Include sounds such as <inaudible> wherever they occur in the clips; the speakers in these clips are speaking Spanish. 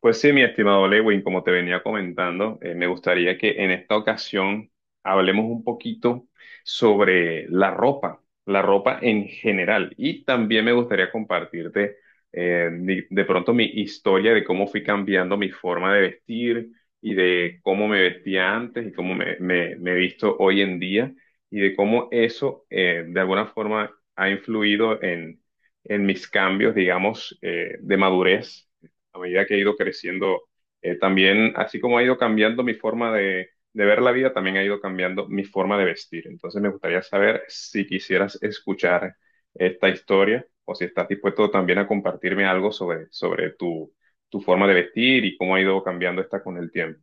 Pues sí, mi estimado Lewin, como te venía comentando, me gustaría que en esta ocasión hablemos un poquito sobre la ropa en general. Y también me gustaría compartirte de pronto mi historia de cómo fui cambiando mi forma de vestir y de cómo me vestía antes y cómo me he visto hoy en día y de cómo eso de alguna forma ha influido en mis cambios, digamos, de madurez a medida que he ido creciendo, también, así como ha ido cambiando mi forma de ver la vida, también ha ido cambiando mi forma de vestir. Entonces me gustaría saber si quisieras escuchar esta historia o si estás dispuesto también a compartirme algo sobre tu forma de vestir y cómo ha ido cambiando esta con el tiempo.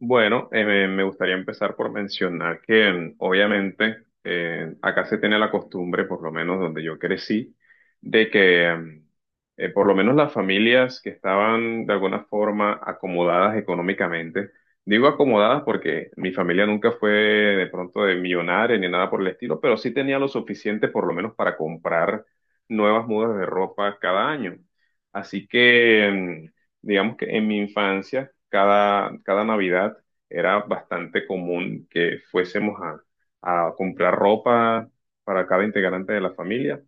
Bueno, me gustaría empezar por mencionar que obviamente acá se tiene la costumbre, por lo menos donde yo crecí, de que por lo menos las familias que estaban de alguna forma acomodadas económicamente, digo acomodadas porque mi familia nunca fue de pronto de millonaria ni nada por el estilo, pero sí tenía lo suficiente por lo menos para comprar nuevas mudas de ropa cada año. Así que... mm, digamos que en mi infancia, cada Navidad era bastante común que fuésemos a comprar ropa para cada integrante de la familia.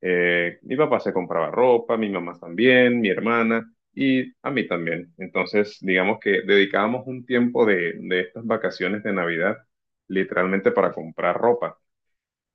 Mi papá se compraba ropa, mi mamá también, mi hermana y a mí también. Entonces, digamos que dedicábamos un tiempo de estas vacaciones de Navidad literalmente para comprar ropa.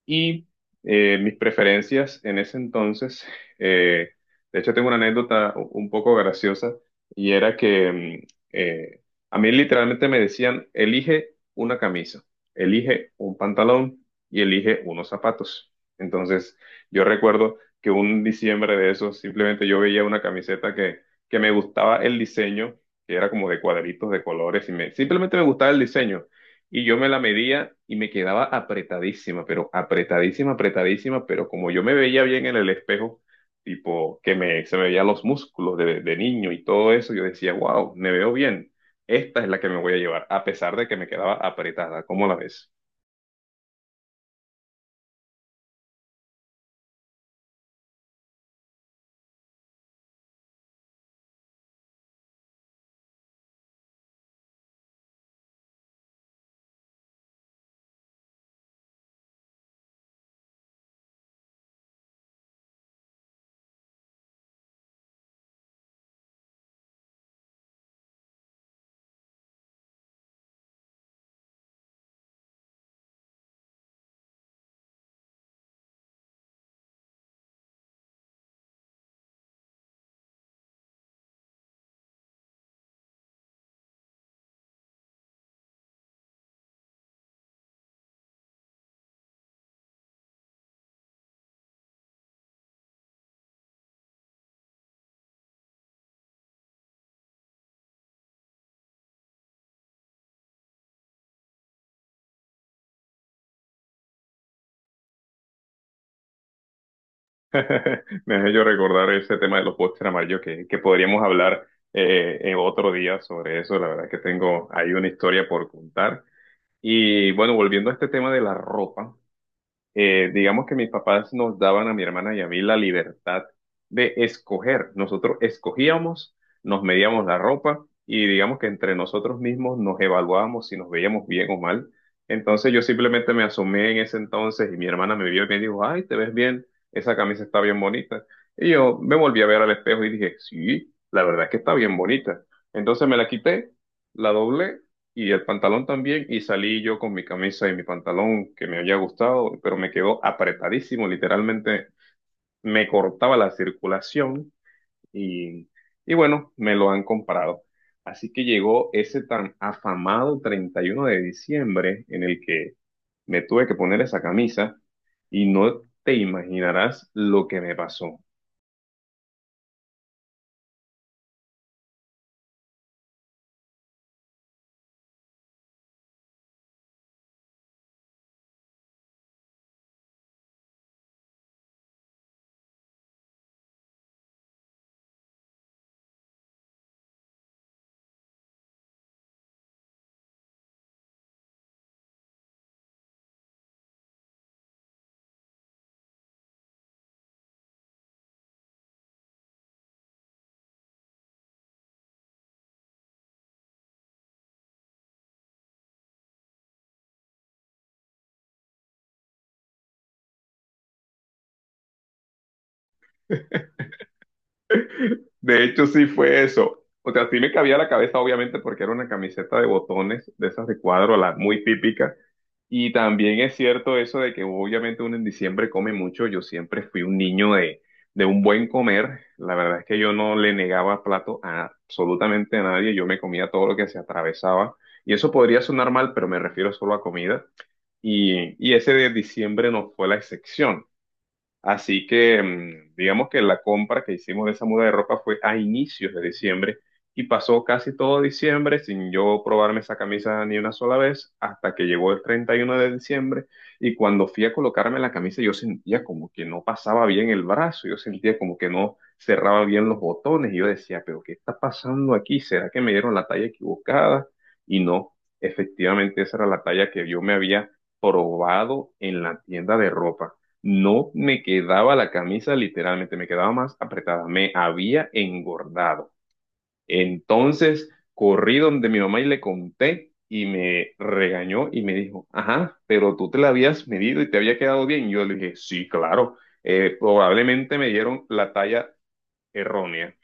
Y mis preferencias en ese entonces, <laughs> eh, de hecho tengo una anécdota un poco graciosa y era que eh, a mí literalmente me decían, elige una camisa, elige un pantalón y elige unos zapatos. Entonces yo recuerdo que un diciembre de esos simplemente yo veía una camiseta que me gustaba el diseño, que era como de cuadritos de colores y simplemente me gustaba el diseño. Y yo me la medía y me quedaba apretadísima, pero apretadísima, apretadísima, pero como yo me veía bien en el espejo, tipo que me, se me veían los músculos de niño y todo eso, yo decía, wow, me veo bien. Esta es la que me voy a llevar, a pesar de que me quedaba apretada. ¿Cómo la ves? <laughs> Me hace yo recordar ese tema de los postres amarillos que podríamos hablar en otro día sobre eso. La verdad que tengo ahí una historia por contar. Y bueno, volviendo a este tema de la ropa, digamos que mis papás nos daban a mi hermana y a mí la libertad de escoger. Nosotros escogíamos, nos medíamos la ropa y digamos que entre nosotros mismos nos evaluábamos si nos veíamos bien o mal. Entonces yo simplemente me asomé en ese entonces y mi hermana me vio y me dijo, ay, te ves bien, esa camisa está bien bonita. Y yo me volví a ver al espejo y dije, sí, la verdad es que está bien bonita. Entonces me la quité, la doblé y el pantalón también, y salí yo con mi camisa y mi pantalón que me había gustado, pero me quedó apretadísimo, literalmente me cortaba la circulación y, y bueno, me lo han comprado. Así que llegó ese tan afamado 31 de diciembre en el que me tuve que poner esa camisa y no te imaginarás lo que me pasó. De hecho, sí fue eso. O sea, sí me cabía la cabeza, obviamente, porque era una camiseta de botones, de esas de cuadro, la muy típica. Y también es cierto eso de que obviamente uno en diciembre come mucho. Yo siempre fui un niño de un buen comer. La verdad es que yo no le negaba plato a absolutamente a nadie. Yo me comía todo lo que se atravesaba. Y eso podría sonar mal, pero me refiero solo a comida. Y ese de diciembre no fue la excepción. Así que digamos que la compra que hicimos de esa muda de ropa fue a inicios de diciembre y pasó casi todo diciembre sin yo probarme esa camisa ni una sola vez hasta que llegó el 31 de diciembre y cuando fui a colocarme la camisa yo sentía como que no pasaba bien el brazo, yo sentía como que no cerraba bien los botones y yo decía, pero ¿qué está pasando aquí? ¿Será que me dieron la talla equivocada? Y no, efectivamente esa era la talla que yo me había probado en la tienda de ropa, no me quedaba la camisa literalmente, me quedaba más apretada, me había engordado. Entonces corrí donde mi mamá y le conté y me regañó y me dijo, ajá, pero tú te la habías medido y te había quedado bien. Y yo le dije, sí, claro, probablemente me dieron la talla errónea.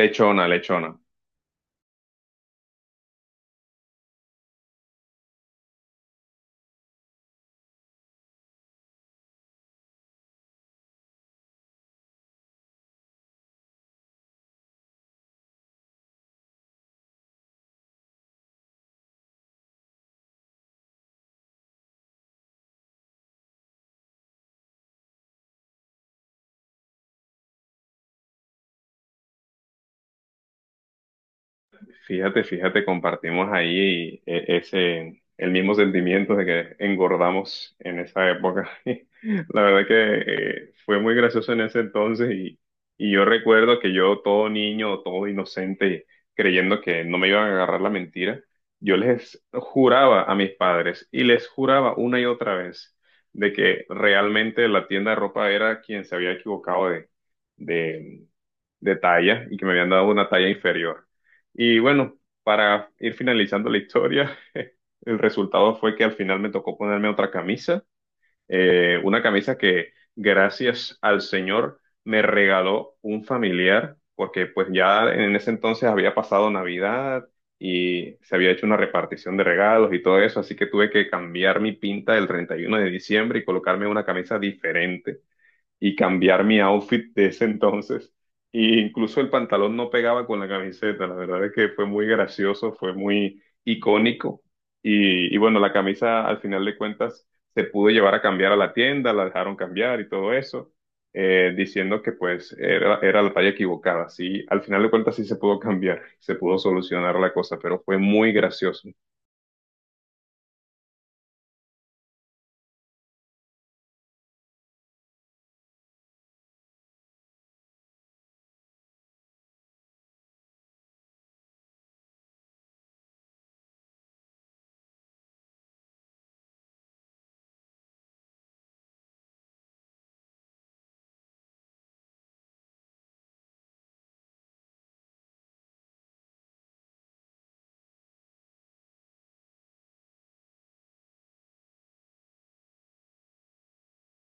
Lechona, lechona. Fíjate, fíjate, compartimos ahí el mismo sentimiento de que engordamos en esa época. <laughs> La verdad que fue muy gracioso en ese entonces y yo recuerdo que yo, todo niño, todo inocente, creyendo que no me iban a agarrar la mentira, yo les juraba a mis padres y les juraba una y otra vez de que realmente la tienda de ropa era quien se había equivocado de, de talla y que me habían dado una talla inferior. Y bueno, para ir finalizando la historia, <laughs> el resultado fue que al final me tocó ponerme otra camisa, una camisa que gracias al Señor me regaló un familiar, porque pues ya en ese entonces había pasado Navidad y se había hecho una repartición de regalos y todo eso, así que tuve que cambiar mi pinta el 31 de diciembre y colocarme una camisa diferente y cambiar mi outfit de ese entonces. Y incluso el pantalón no pegaba con la camiseta. La verdad es que fue muy gracioso, fue muy icónico. Y bueno, la camisa al final de cuentas se pudo llevar a cambiar a la tienda, la dejaron cambiar y todo eso, diciendo que pues era, era la talla equivocada. Sí, al final de cuentas sí se pudo cambiar, se pudo solucionar la cosa, pero fue muy gracioso.